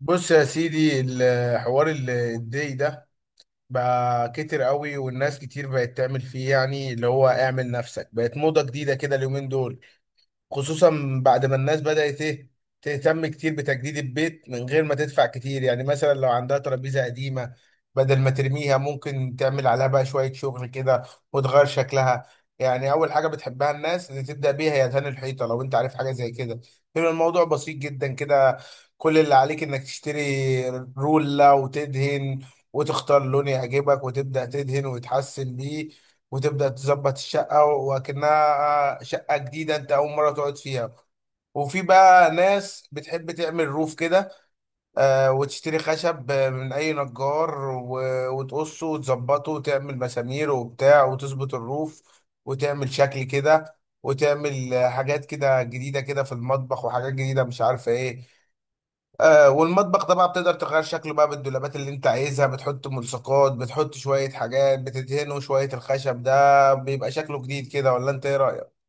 بص يا سيدي، الحوار الدي ده بقى كتر قوي، والناس كتير بقت تعمل فيه. يعني اللي هو اعمل نفسك بقت موضة جديدة كده اليومين دول، خصوصا بعد ما الناس بدأت ايه، تهتم كتير بتجديد البيت من غير ما تدفع كتير. يعني مثلا لو عندها ترابيزة قديمة، بدل ما ترميها ممكن تعمل عليها بقى شوية شغل كده وتغير شكلها. يعني أول حاجة بتحبها الناس اللي تبدأ بيها هي دهان الحيطة. لو أنت عارف حاجة زي كده، بيبقى الموضوع بسيط جدا كده. كل اللي عليك إنك تشتري رولة وتدهن، وتختار لون يعجبك وتبدأ تدهن وتحسن بيه، وتبدأ تظبط الشقة وكأنها شقة جديدة أنت أول مرة تقعد فيها. وفي بقى ناس بتحب تعمل روف كده، آه، وتشتري خشب، من أي نجار، وتقصه وتظبطه وتعمل مسامير وبتاع وتظبط الروف، وتعمل شكل كده، وتعمل حاجات كده جديدة كده في المطبخ، وحاجات جديدة مش عارفة إيه. آه، والمطبخ ده بقى بتقدر تغير شكله بقى بالدولابات اللي انت عايزها، بتحط ملصقات، بتحط شوية حاجات، بتدهنه شوية، الخشب ده بيبقى شكله جديد كده، ولا انت ايه رأيك؟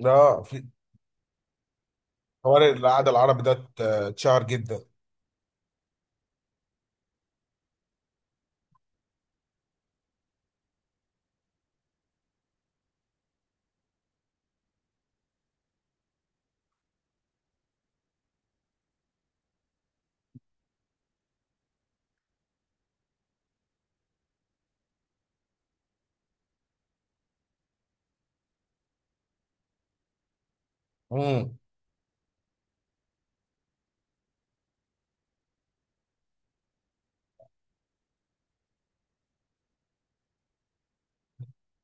اه، في حوار العادة العربي ده اتشهر جدا. امم،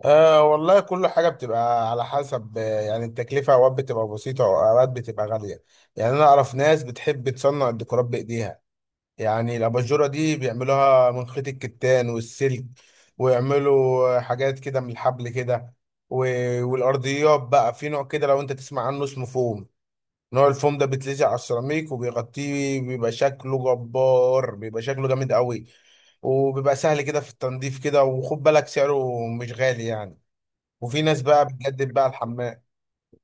آه والله، كل حاجة بتبقى على حسب. آه، يعني التكلفة اوقات بتبقى بسيطة واوقات بتبقى غالية. يعني انا اعرف ناس بتحب تصنع الديكورات بايديها. يعني الأباجورة دي بيعملوها من خيط الكتان والسلك، ويعملوا حاجات كده من الحبل كده. والأرضيات بقى في نوع كده، لو أنت تسمع عنه اسمه فوم. نوع الفوم ده بيتلزق على السيراميك وبيغطيه، بيبقى شكله جبار، بيبقى شكله جامد قوي، وبيبقى سهل كده في التنظيف كده، وخد بالك سعره مش غالي يعني. وفي ناس بقى بتجدد بقى الحمام.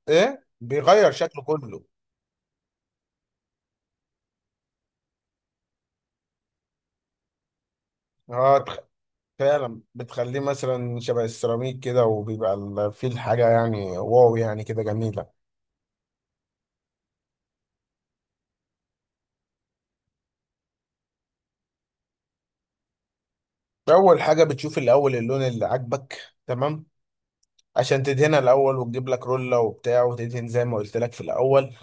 ايه، بيغير شكله كله. اه فعلا، بتخليه مثلا شبه السيراميك كده، وبيبقى فيه الحاجة، يعني واو، يعني كده جميلة. أول حاجة بتشوف الأول اللون اللي عاجبك تمام، عشان تدهنها الأول، وتجيب لك رولة وبتاع وتدهن زي ما قلت لك في الأول.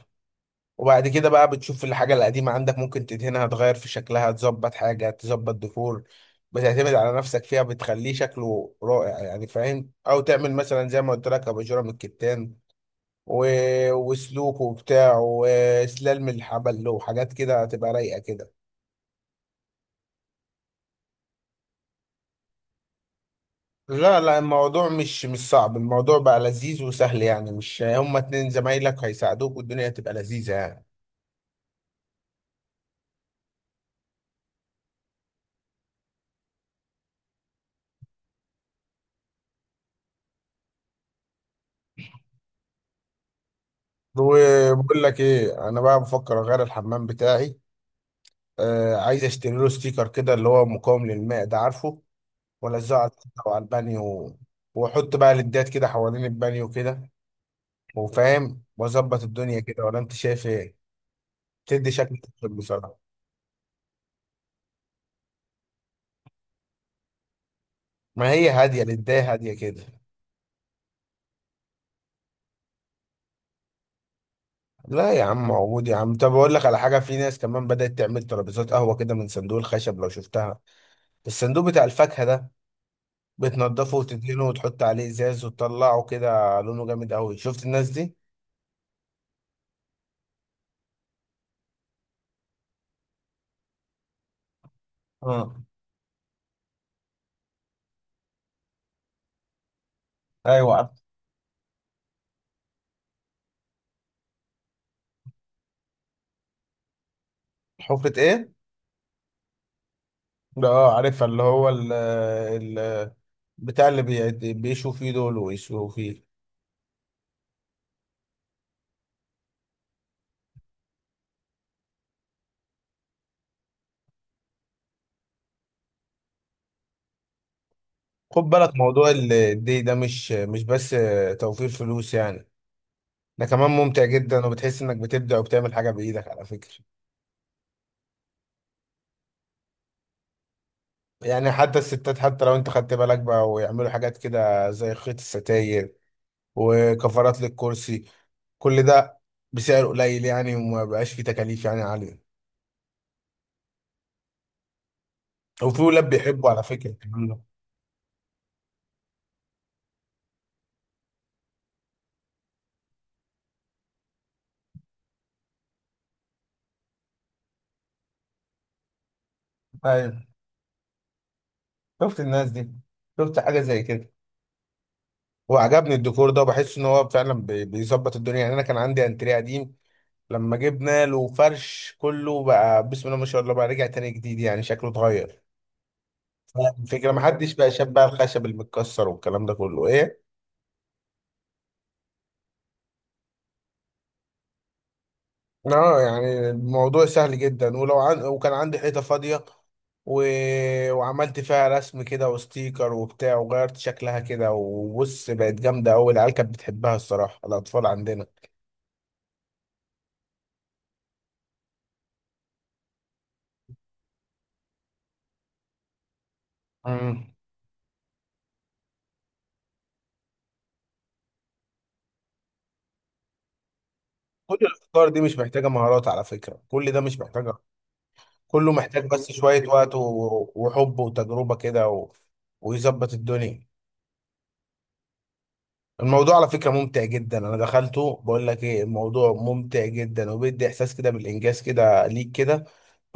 وبعد كده بقى بتشوف الحاجة القديمة عندك، ممكن تدهنها، تغير في شكلها، تظبط حاجة، تظبط ديكور بتعتمد على نفسك فيها، بتخليه شكله رائع يعني، فاهم؟ أو تعمل مثلا زي ما قلت لك أباجورة من الكتان، وسلوكه وبتاع، وسلالم الحبل، وحاجات كده هتبقى رايقة كده. لا لا، الموضوع مش صعب. الموضوع بقى لذيذ وسهل يعني، مش هما اتنين زمايلك هيساعدوك، والدنيا هتبقى لذيذة يعني. وبقول لك ايه، انا بقى بفكر اغير الحمام بتاعي. آه، عايز اشتري له ستيكر كده اللي هو مقاوم للماء ده، عارفه، والزقه على الحيطة وعلى البانيو، واحط بقى ليدات كده حوالين البانيو كده، وفاهم واظبط الدنيا كده، ولا انت شايف ايه؟ تدي شكل تحفة بصراحة. ما هي هادية، البداية هادية كده. لا يا عم، عود يا عم. طب اقول لك على حاجة، في ناس كمان بدأت تعمل ترابيزات قهوة كده من صندوق الخشب، لو شفتها، الصندوق بتاع الفاكهة ده، بتنضفه وتدهنه وتحط عليه ازاز وتطلعه كده لونه جامد قوي، شفت الناس دي؟ اه. ايوه، عارف. حفرة ايه؟ ده اه عارفها، اللي هو ال بتاع، اللي بيشوا فيه دول ويسووا فيه. خد بالك، موضوع الدي ده مش بس توفير فلوس يعني، ده كمان ممتع جدا، وبتحس انك بتبدع وبتعمل حاجة بإيدك على فكرة. يعني حتى الستات، حتى لو انت خدت بالك بقى، ويعملوا حاجات كده زي خيط الستاير وكفرات للكرسي، كل ده بسعر قليل يعني، وما بقاش فيه تكاليف يعني عالية. وفي ولاد بيحبوا على فكرة الكلام ده. ايوه، شفت الناس دي؟ شفت حاجة زي كده، وعجبني الديكور ده، وبحس ان هو فعلا بيظبط الدنيا يعني. انا كان عندي انتريه قديم، لما جبنا له فرش كله بقى، بسم الله ما شاء الله، بقى رجع تاني جديد يعني، شكله اتغير. الفكرة محدش بقى شاب بقى الخشب المتكسر والكلام ده كله ايه. اه يعني الموضوع سهل جدا. وكان عندي حيطة فاضية، و... وعملت فيها رسم كده وستيكر وبتاع، وغيرت شكلها كده، وبص، بقت جامدة أوي. العيال كانت بتحبها الصراحة، الأطفال عندنا. مم. كل الأفكار دي مش محتاجة مهارات على فكرة، كل ده مش محتاجة، كله محتاج بس شوية وقت وحب وتجربة كده ويظبط الدنيا. الموضوع على فكرة ممتع جدا، انا دخلته، بقول لك ايه، الموضوع ممتع جدا، وبيدي احساس كده بالانجاز كده ليك كده،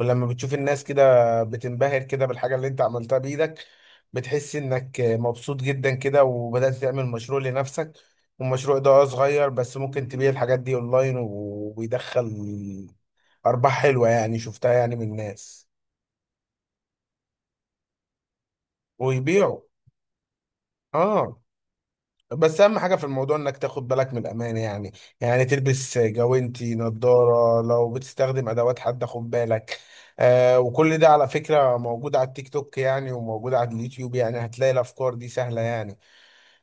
ولما بتشوف الناس كده بتنبهر كده بالحاجة اللي انت عملتها بايدك، بتحس انك مبسوط جدا كده، وبدأت تعمل مشروع لنفسك. والمشروع ده اه صغير، بس ممكن تبيع الحاجات دي اونلاين، وبيدخل ارباح حلوة يعني، شفتها يعني من الناس، ويبيعوا. اه، بس اهم حاجه في الموضوع انك تاخد بالك من الامان يعني، يعني تلبس جوانتي، نظاره، لو بتستخدم ادوات حد، خد بالك. آه، وكل ده على فكره موجود على التيك توك يعني، وموجود على اليوتيوب يعني، هتلاقي الافكار دي سهله يعني،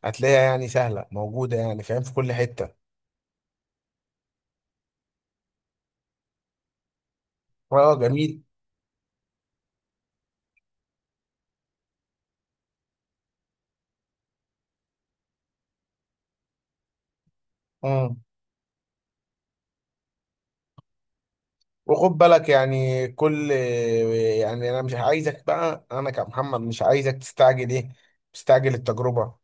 هتلاقيها يعني سهله، موجوده يعني، فاهم، في كل حته. اه جميل. امم، وخد بالك يعني كل، يعني انا مش عايزك بقى، انا كمحمد مش عايزك تستعجل ايه، تستعجل التجربه،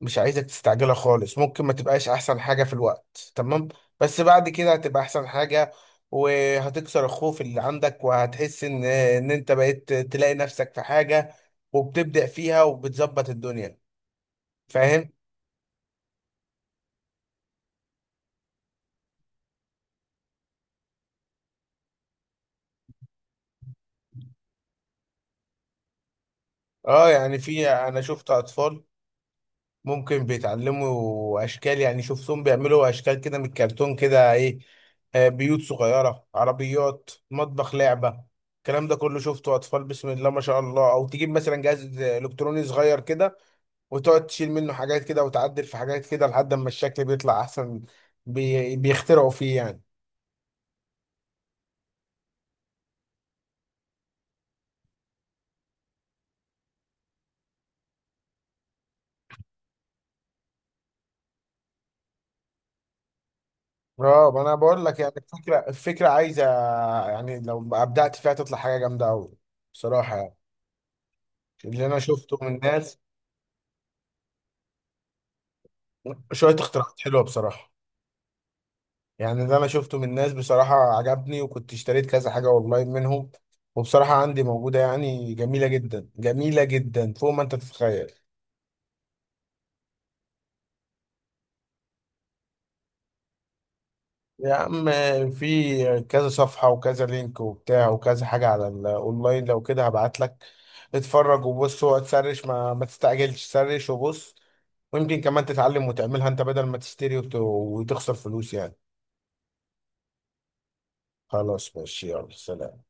مش عايزك تستعجلها خالص، ممكن ما تبقاش احسن حاجة في الوقت تمام، بس بعد كده هتبقى احسن حاجة، وهتكسر الخوف اللي عندك، وهتحس ان انت بقيت تلاقي نفسك في حاجة، وبتبدأ فيها وبتظبط الدنيا، فاهم. اه يعني، في انا شفت اطفال ممكن بيتعلموا اشكال يعني، شفتهم بيعملوا اشكال كده من الكرتون كده ايه، آه، بيوت صغيره، عربيات، مطبخ لعبه، الكلام ده كله شفته اطفال بسم الله ما شاء الله. او تجيب مثلا جهاز الكتروني صغير كده، وتقعد تشيل منه حاجات كده، وتعدل في حاجات كده لحد ما الشكل بيطلع احسن، بيخترعوا فيه يعني. اه ما انا بقول لك، يعني الفكره عايزه يعني، لو ابدعت فيها تطلع حاجه جامده قوي بصراحه يعني، اللي انا شفته من الناس شويه اختراعات حلوه بصراحه. يعني اللي انا شفته من الناس بصراحة عجبني، وكنت اشتريت كذا حاجة اونلاين منهم، وبصراحة عندي موجودة يعني، جميلة جدا، جميلة جدا فوق ما انت تتخيل. يا عم، في كذا صفحة وكذا لينك وبتاع وكذا حاجة على الاونلاين، لو كده هبعت لك، اتفرج وبص وتسرش، ما تستعجلش، سرش وبص، ويمكن كمان تتعلم وتعملها انت بدل ما تشتري وتخسر فلوس يعني. خلاص ماشي، يلا سلام.